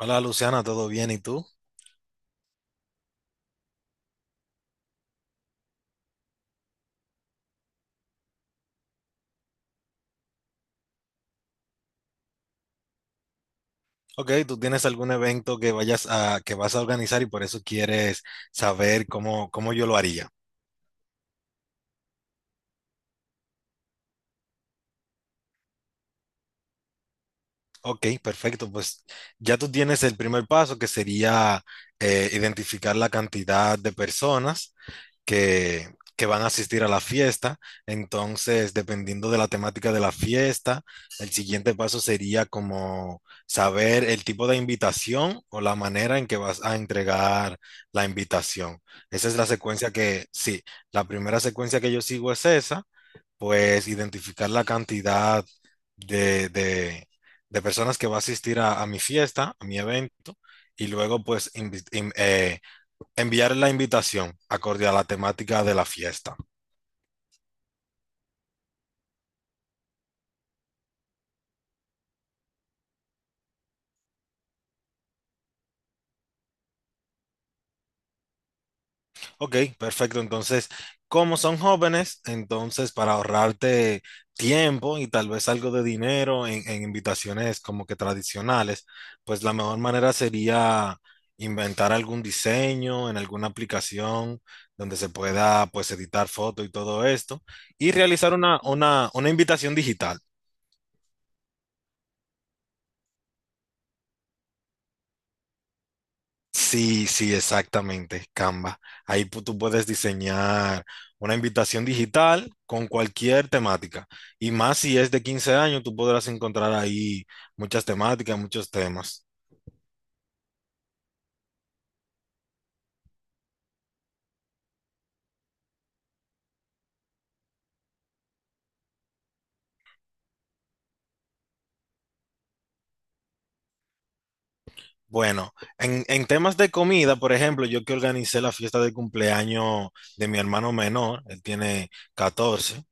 Hola Luciana, ¿todo bien? ¿Y tú? Ok, ¿tú tienes algún evento que vayas a que vas a organizar y por eso quieres saber cómo yo lo haría? Ok, perfecto. Pues ya tú tienes el primer paso que sería identificar la cantidad de personas que, que van a asistir a la fiesta. Entonces, dependiendo de la temática de la fiesta, el siguiente paso sería como saber el tipo de invitación o la manera en que vas a entregar la invitación. Esa es la secuencia sí, la primera secuencia que yo sigo es esa, pues identificar la cantidad de, de- de personas que va a asistir a mi fiesta, a mi evento, y luego pues enviar la invitación acorde a la temática de la fiesta. Ok, perfecto. Entonces, como son jóvenes, entonces para ahorrarte tiempo y tal vez algo de dinero en invitaciones como que tradicionales, pues la mejor manera sería inventar algún diseño en alguna aplicación donde se pueda pues editar fotos y todo esto y realizar una invitación digital. Sí, sí, exactamente, Canva. Tú puedes diseñar una invitación digital con cualquier temática. Y más si es de 15 años, tú podrás encontrar ahí muchas temáticas, muchos temas. Bueno, en temas de comida, por ejemplo, yo que organicé la fiesta de cumpleaños de mi hermano menor, él tiene 14.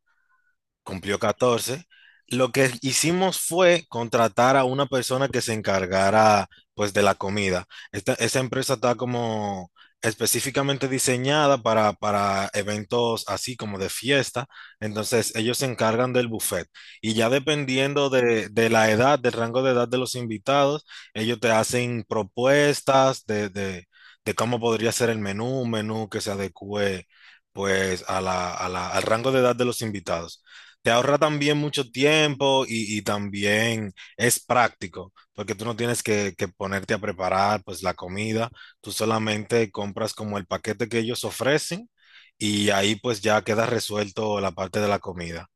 Cumplió 14. Lo que hicimos fue contratar a una persona que se encargara pues de la comida. Esa empresa está como específicamente diseñada para eventos así como de fiesta. Entonces ellos se encargan del buffet y ya dependiendo de la edad, del rango de edad de los invitados, ellos te hacen propuestas de cómo podría ser el menú, un menú que se adecue pues a la al rango de edad de los invitados. Te ahorra también mucho tiempo y también es práctico, porque tú no tienes que ponerte a preparar pues la comida. Tú solamente compras como el paquete que ellos ofrecen y ahí pues ya queda resuelto la parte de la comida.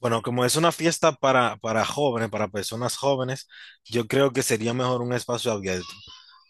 Bueno, como es una fiesta para jóvenes, para personas jóvenes, yo creo que sería mejor un espacio abierto.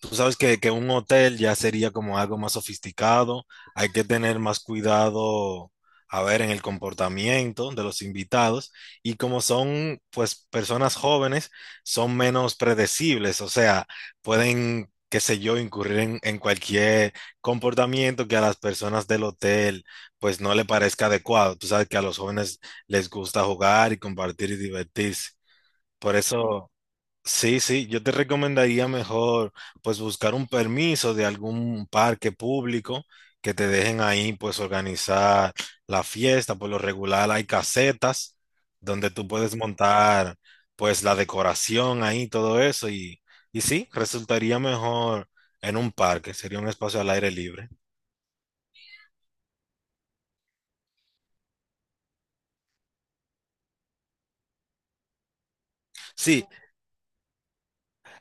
Tú sabes que un hotel ya sería como algo más sofisticado, hay que tener más cuidado, a ver, en el comportamiento de los invitados y como son pues personas jóvenes, son menos predecibles, o sea, pueden, qué sé yo, incurrir en cualquier comportamiento que a las personas del hotel pues no le parezca adecuado. Tú sabes que a los jóvenes les gusta jugar y compartir y divertirse. Por eso, sí, sí, yo te recomendaría mejor pues buscar un permiso de algún parque público que te dejen ahí pues organizar la fiesta. Por lo regular hay casetas donde tú puedes montar pues la decoración ahí, todo eso y sí, resultaría mejor en un parque, sería un espacio al aire libre. Sí,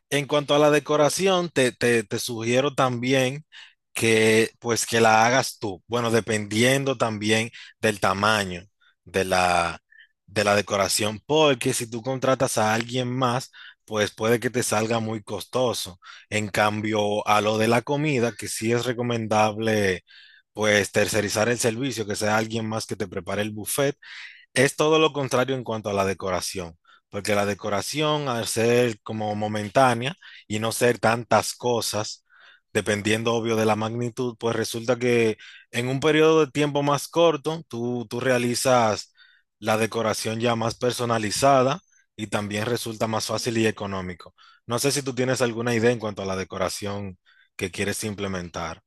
en cuanto a la decoración, te sugiero también que pues que la hagas tú. Bueno, dependiendo también del tamaño de la, de la decoración, porque si tú contratas a alguien más, pues puede que te salga muy costoso. En cambio, a lo de la comida, que sí es recomendable pues tercerizar el servicio, que sea alguien más que te prepare el buffet, es todo lo contrario en cuanto a la decoración, porque la decoración, al ser como momentánea y no ser tantas cosas, dependiendo obvio de la magnitud, pues resulta que en un periodo de tiempo más corto, tú realizas la decoración ya más personalizada y también resulta más fácil y económico. No sé si tú tienes alguna idea en cuanto a la decoración que quieres implementar.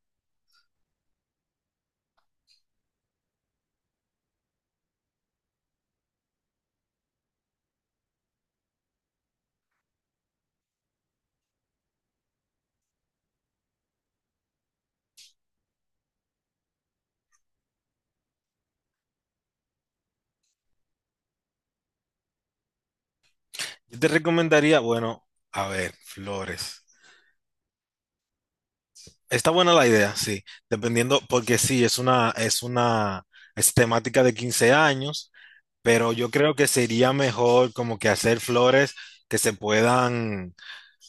Yo te recomendaría, bueno, a ver, flores. Está buena la idea, sí. Dependiendo, porque sí, es temática de 15 años, pero yo creo que sería mejor como que hacer flores que se puedan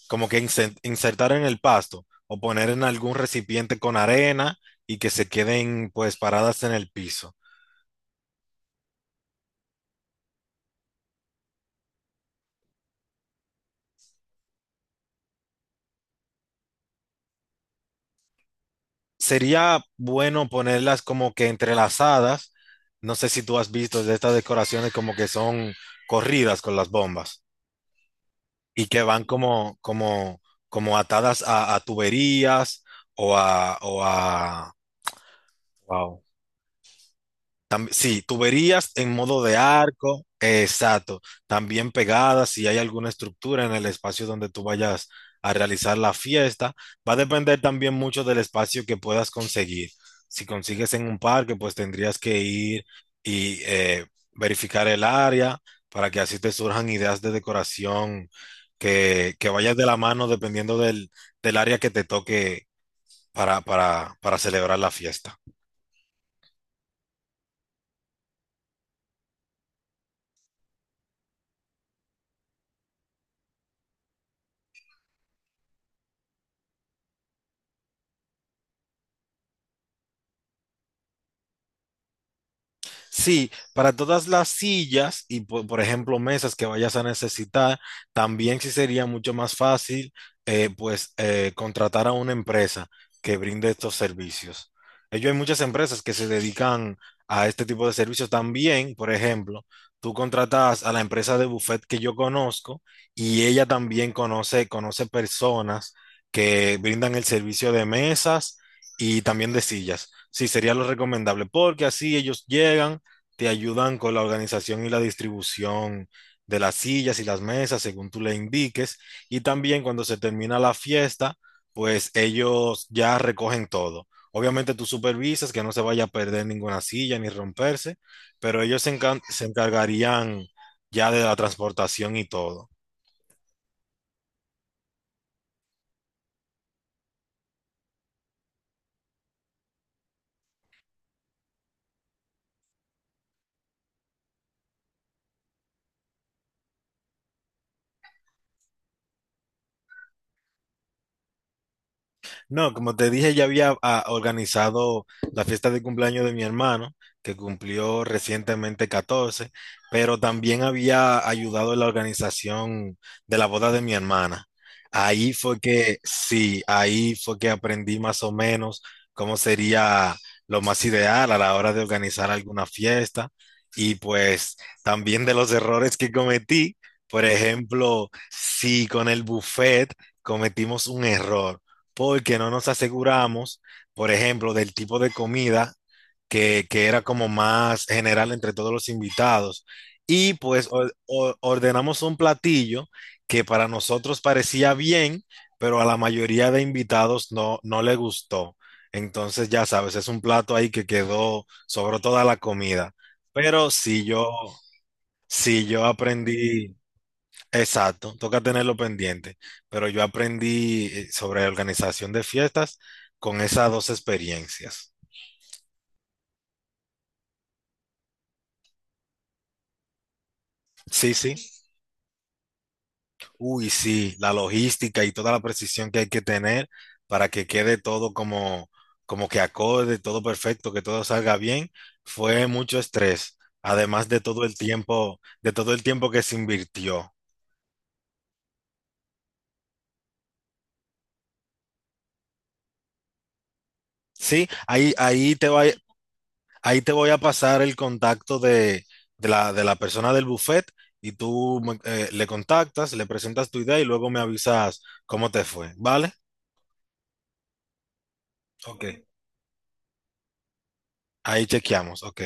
como que insertar en el pasto o poner en algún recipiente con arena y que se queden pues paradas en el piso. Sería bueno ponerlas como que entrelazadas. No sé si tú has visto de estas decoraciones como que son corridas con las bombas. Y que van como atadas a tuberías o a wow. Sí, tuberías en modo de arco, exacto. También pegadas, si hay alguna estructura en el espacio donde tú vayas a realizar la fiesta. Va a depender también mucho del espacio que puedas conseguir. Si consigues en un parque, pues tendrías que ir y verificar el área para que así te surjan ideas de decoración que vayas de la mano dependiendo del área que te toque para celebrar la fiesta. Sí, para todas las sillas y por ejemplo mesas que vayas a necesitar, también sí sería mucho más fácil contratar a una empresa que brinde estos servicios. Ellos hay muchas empresas que se dedican a este tipo de servicios también. Por ejemplo, tú contratas a la empresa de buffet que yo conozco y ella también conoce, conoce personas que brindan el servicio de mesas y también de sillas. Sí, sería lo recomendable porque así ellos llegan, te ayudan con la organización y la distribución de las sillas y las mesas según tú le indiques. Y también cuando se termina la fiesta, pues ellos ya recogen todo. Obviamente tú supervisas que no se vaya a perder ninguna silla ni romperse, pero ellos se encargarían ya de la transportación y todo. No, como te dije, ya había organizado la fiesta de cumpleaños de mi hermano, que cumplió recientemente 14, pero también había ayudado en la organización de la boda de mi hermana. Ahí fue que, sí, ahí fue que aprendí más o menos cómo sería lo más ideal a la hora de organizar alguna fiesta y pues también de los errores que cometí. Por ejemplo, si con el buffet cometimos un error porque no nos aseguramos, por ejemplo, del tipo de comida que era como más general entre todos los invitados. Y pues ordenamos un platillo que para nosotros parecía bien, pero a la mayoría de invitados no, no le gustó. Entonces, ya sabes, es un plato ahí que quedó, sobró toda la comida. Pero si yo, si yo aprendí. Exacto, toca tenerlo pendiente, pero yo aprendí sobre organización de fiestas con esas dos experiencias. Sí, sí, uy, sí, la logística y toda la precisión que hay que tener para que quede todo como, como que acorde, todo perfecto, que todo salga bien, fue mucho estrés, además de todo el tiempo, de todo el tiempo que se invirtió. Sí, ahí, ahí te va, ahí te voy a pasar el contacto de la persona del buffet y le contactas, le presentas tu idea y luego me avisas cómo te fue, ¿vale? Ok, ahí chequeamos, ok.